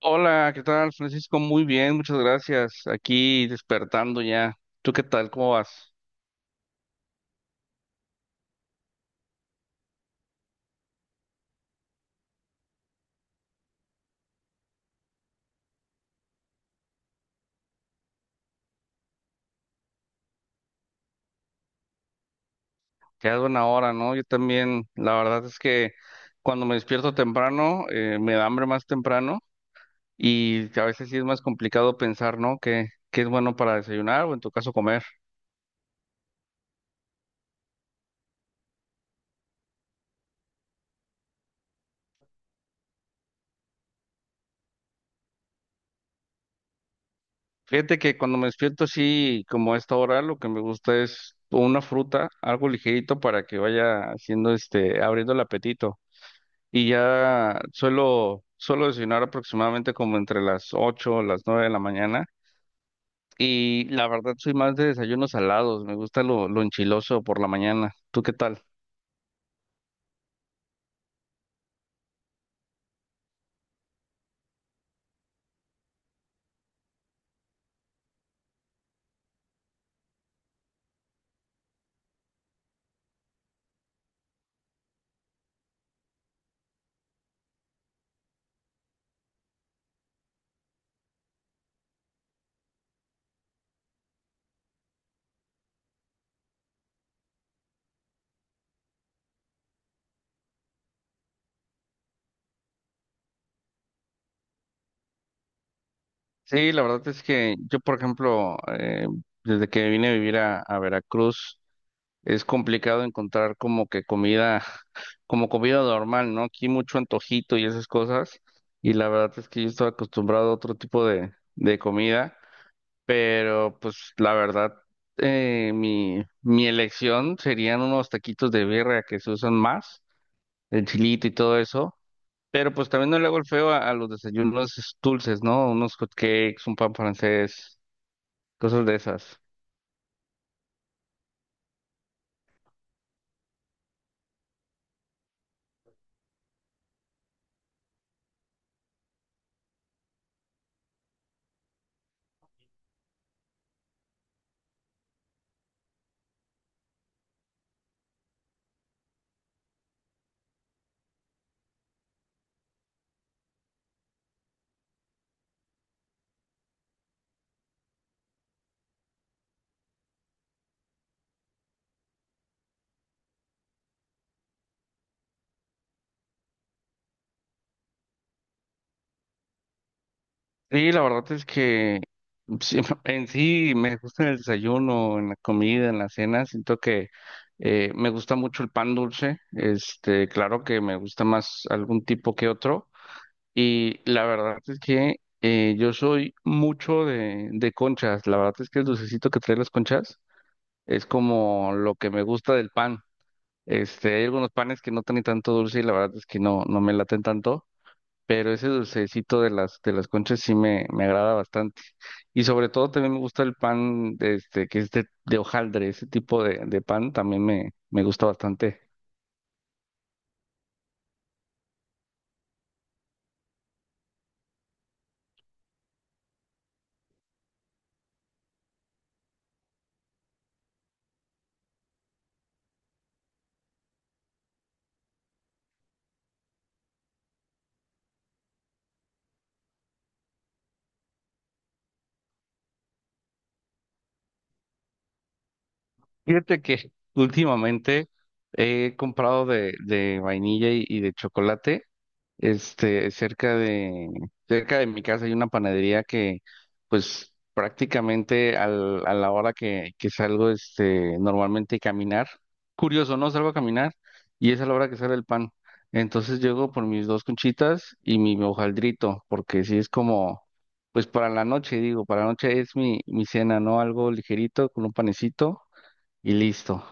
Hola, ¿qué tal, Francisco? Muy bien, muchas gracias. Aquí despertando ya. ¿Tú qué tal? ¿Cómo vas? Quedas buena hora, ¿no? Yo también, la verdad es que cuando me despierto temprano, me da hambre más temprano y a veces sí es más complicado pensar, ¿no? ¿Qué es bueno para desayunar o en tu caso comer? Fíjate que cuando me despierto así como a esta hora, lo que me gusta es una fruta, algo ligerito para que vaya haciendo este, abriendo el apetito, y ya suelo desayunar aproximadamente como entre las 8 o las 9 de la mañana. Y la verdad soy más de desayunos salados, me gusta lo enchiloso por la mañana. ¿Tú qué tal? Sí, la verdad es que yo, por ejemplo, desde que vine a vivir a Veracruz, es complicado encontrar como que comida, como comida normal, ¿no? Aquí mucho antojito y esas cosas. Y la verdad es que yo estaba acostumbrado a otro tipo de comida. Pero pues la verdad, mi elección serían unos taquitos de birria que se usan más, el chilito y todo eso. Pero pues también no le hago el feo a los desayunos dulces, ¿no? Unos hot cakes, un pan francés, cosas de esas. Y la verdad es que sí, en sí me gusta en el desayuno, en la comida, en la cena. Siento que me gusta mucho el pan dulce. Este, claro que me gusta más algún tipo que otro. Y la verdad es que yo soy mucho de conchas. La verdad es que el dulcecito que trae las conchas es como lo que me gusta del pan. Este, hay algunos panes que no tienen tanto dulce y la verdad es que no me laten tanto, pero ese dulcecito de de las conchas sí me agrada bastante. Y sobre todo también me gusta el pan de este, que es de hojaldre, ese tipo de pan también me gusta bastante. Fíjate que últimamente he comprado de vainilla y de chocolate. Este, cerca de mi casa hay una panadería que, pues, prácticamente a la hora que salgo, este, normalmente a caminar. Curioso, ¿no? Salgo a caminar y es a la hora que sale el pan. Entonces llego por mis dos conchitas y mi hojaldrito, porque si es como, pues, para la noche, digo, para la noche es mi cena, ¿no? Algo ligerito con un panecito y listo.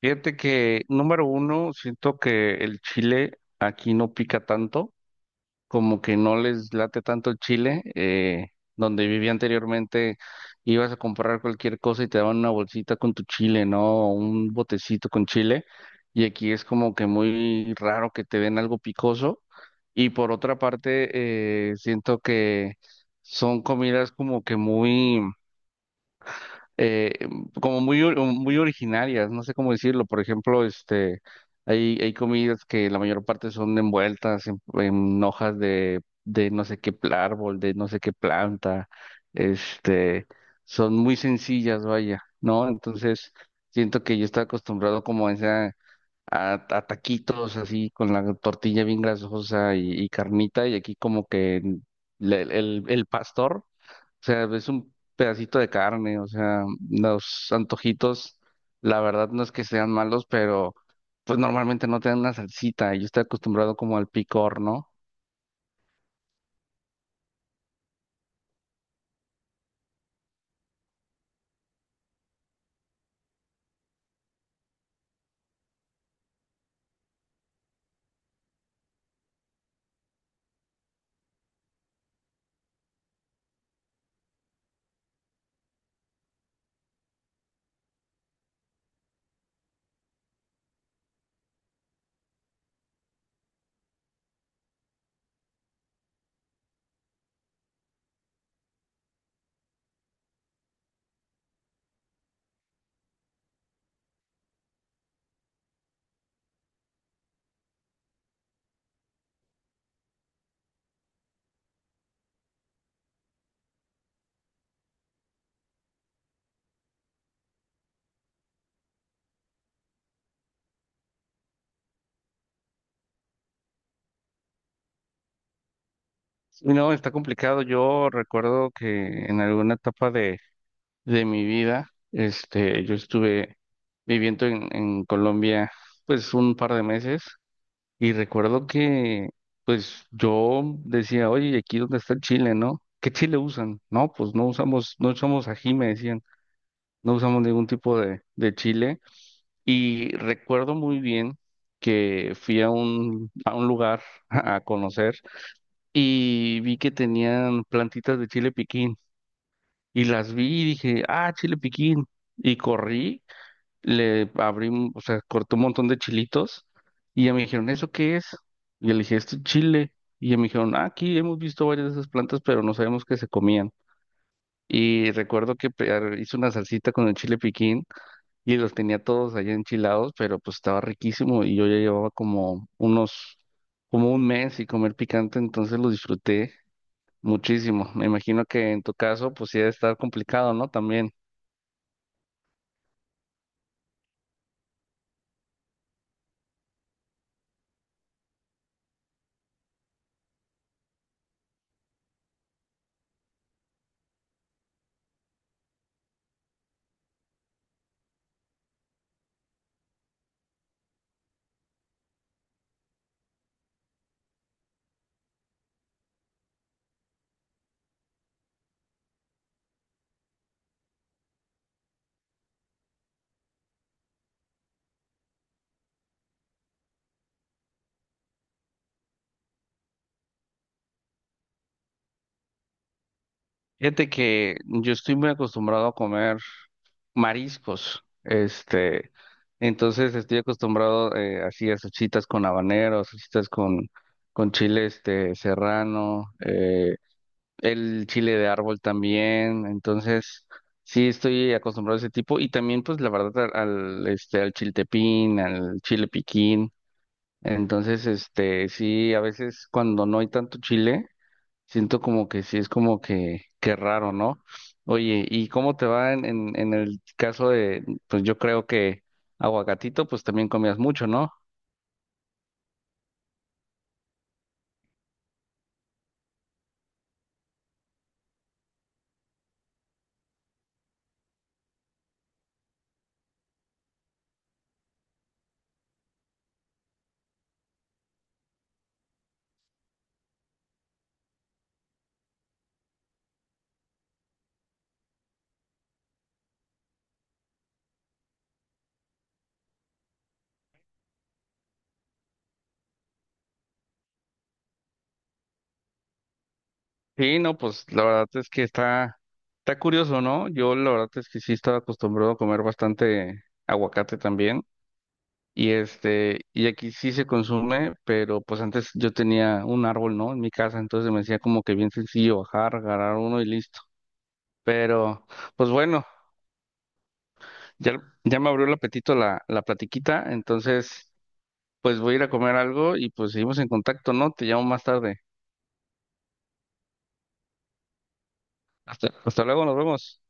Fíjate que, número uno, siento que el chile aquí no pica tanto, como que no les late tanto el chile. Donde vivía anteriormente, ibas a comprar cualquier cosa y te daban una bolsita con tu chile, ¿no? O un botecito con chile. Y aquí es como que muy raro que te den algo picoso. Y por otra parte, siento que son comidas como que muy... eh, muy originarias, no sé cómo decirlo. Por ejemplo, este, hay comidas que la mayor parte son envueltas en hojas de no sé qué pl- árbol, de no sé qué planta, este, son muy sencillas, vaya, ¿no? Entonces, siento que yo estaba acostumbrado como a esa... A taquitos así con la tortilla bien grasosa y carnita y aquí como que el pastor, o sea, es un pedacito de carne. O sea, los antojitos, la verdad no es que sean malos, pero pues normalmente no te dan una salsita. Yo estoy acostumbrado como al picor, ¿no? Y no, está complicado. Yo recuerdo que en alguna etapa de mi vida, este, yo estuve viviendo en Colombia, pues un par de meses, y recuerdo que, pues yo decía, oye, ¿y aquí dónde está el chile, no? ¿Qué chile usan? No, pues no usamos, no usamos ají, me decían. No usamos ningún tipo de chile. Y recuerdo muy bien que fui a un lugar a conocer y vi que tenían plantitas de chile piquín. Y las vi y dije, ah, chile piquín. Y corrí, le abrí, un- o sea, corté un montón de chilitos y ya me dijeron, ¿eso qué es? Y yo le dije, esto es chile. Y ya me dijeron, "Ah, aquí hemos visto varias de esas plantas, pero no sabemos que se comían. Y recuerdo que hice una salsita con el chile piquín y los tenía todos allá enchilados, pero pues estaba riquísimo y yo ya llevaba como un mes sin comer picante, entonces lo disfruté muchísimo. Me imagino que en tu caso pues sí debe estar complicado, ¿no? También. Fíjate que yo estoy muy acostumbrado a comer mariscos, este, entonces estoy acostumbrado así a salsitas con habanero, salsitas con chile este serrano, el chile de árbol también, entonces sí estoy acostumbrado a ese tipo y también pues la verdad este al chiltepín, al chile piquín, entonces este sí a veces cuando no hay tanto chile siento como que sí es como que raro, ¿no? Oye, ¿y cómo te va en el caso de pues yo creo que aguacatito pues también comías mucho, ¿no? Sí, no, pues la verdad es que está curioso, ¿no? Yo la verdad es que sí estaba acostumbrado a comer bastante aguacate también. Y este, y aquí sí se consume, pero pues antes yo tenía un árbol, ¿no? En mi casa, entonces me decía como que bien sencillo bajar, agarrar uno y listo. Pero, pues bueno, ya me abrió el apetito la platiquita, entonces pues voy a ir a comer algo y pues seguimos en contacto, ¿no? Te llamo más tarde. Hasta luego, nos vemos.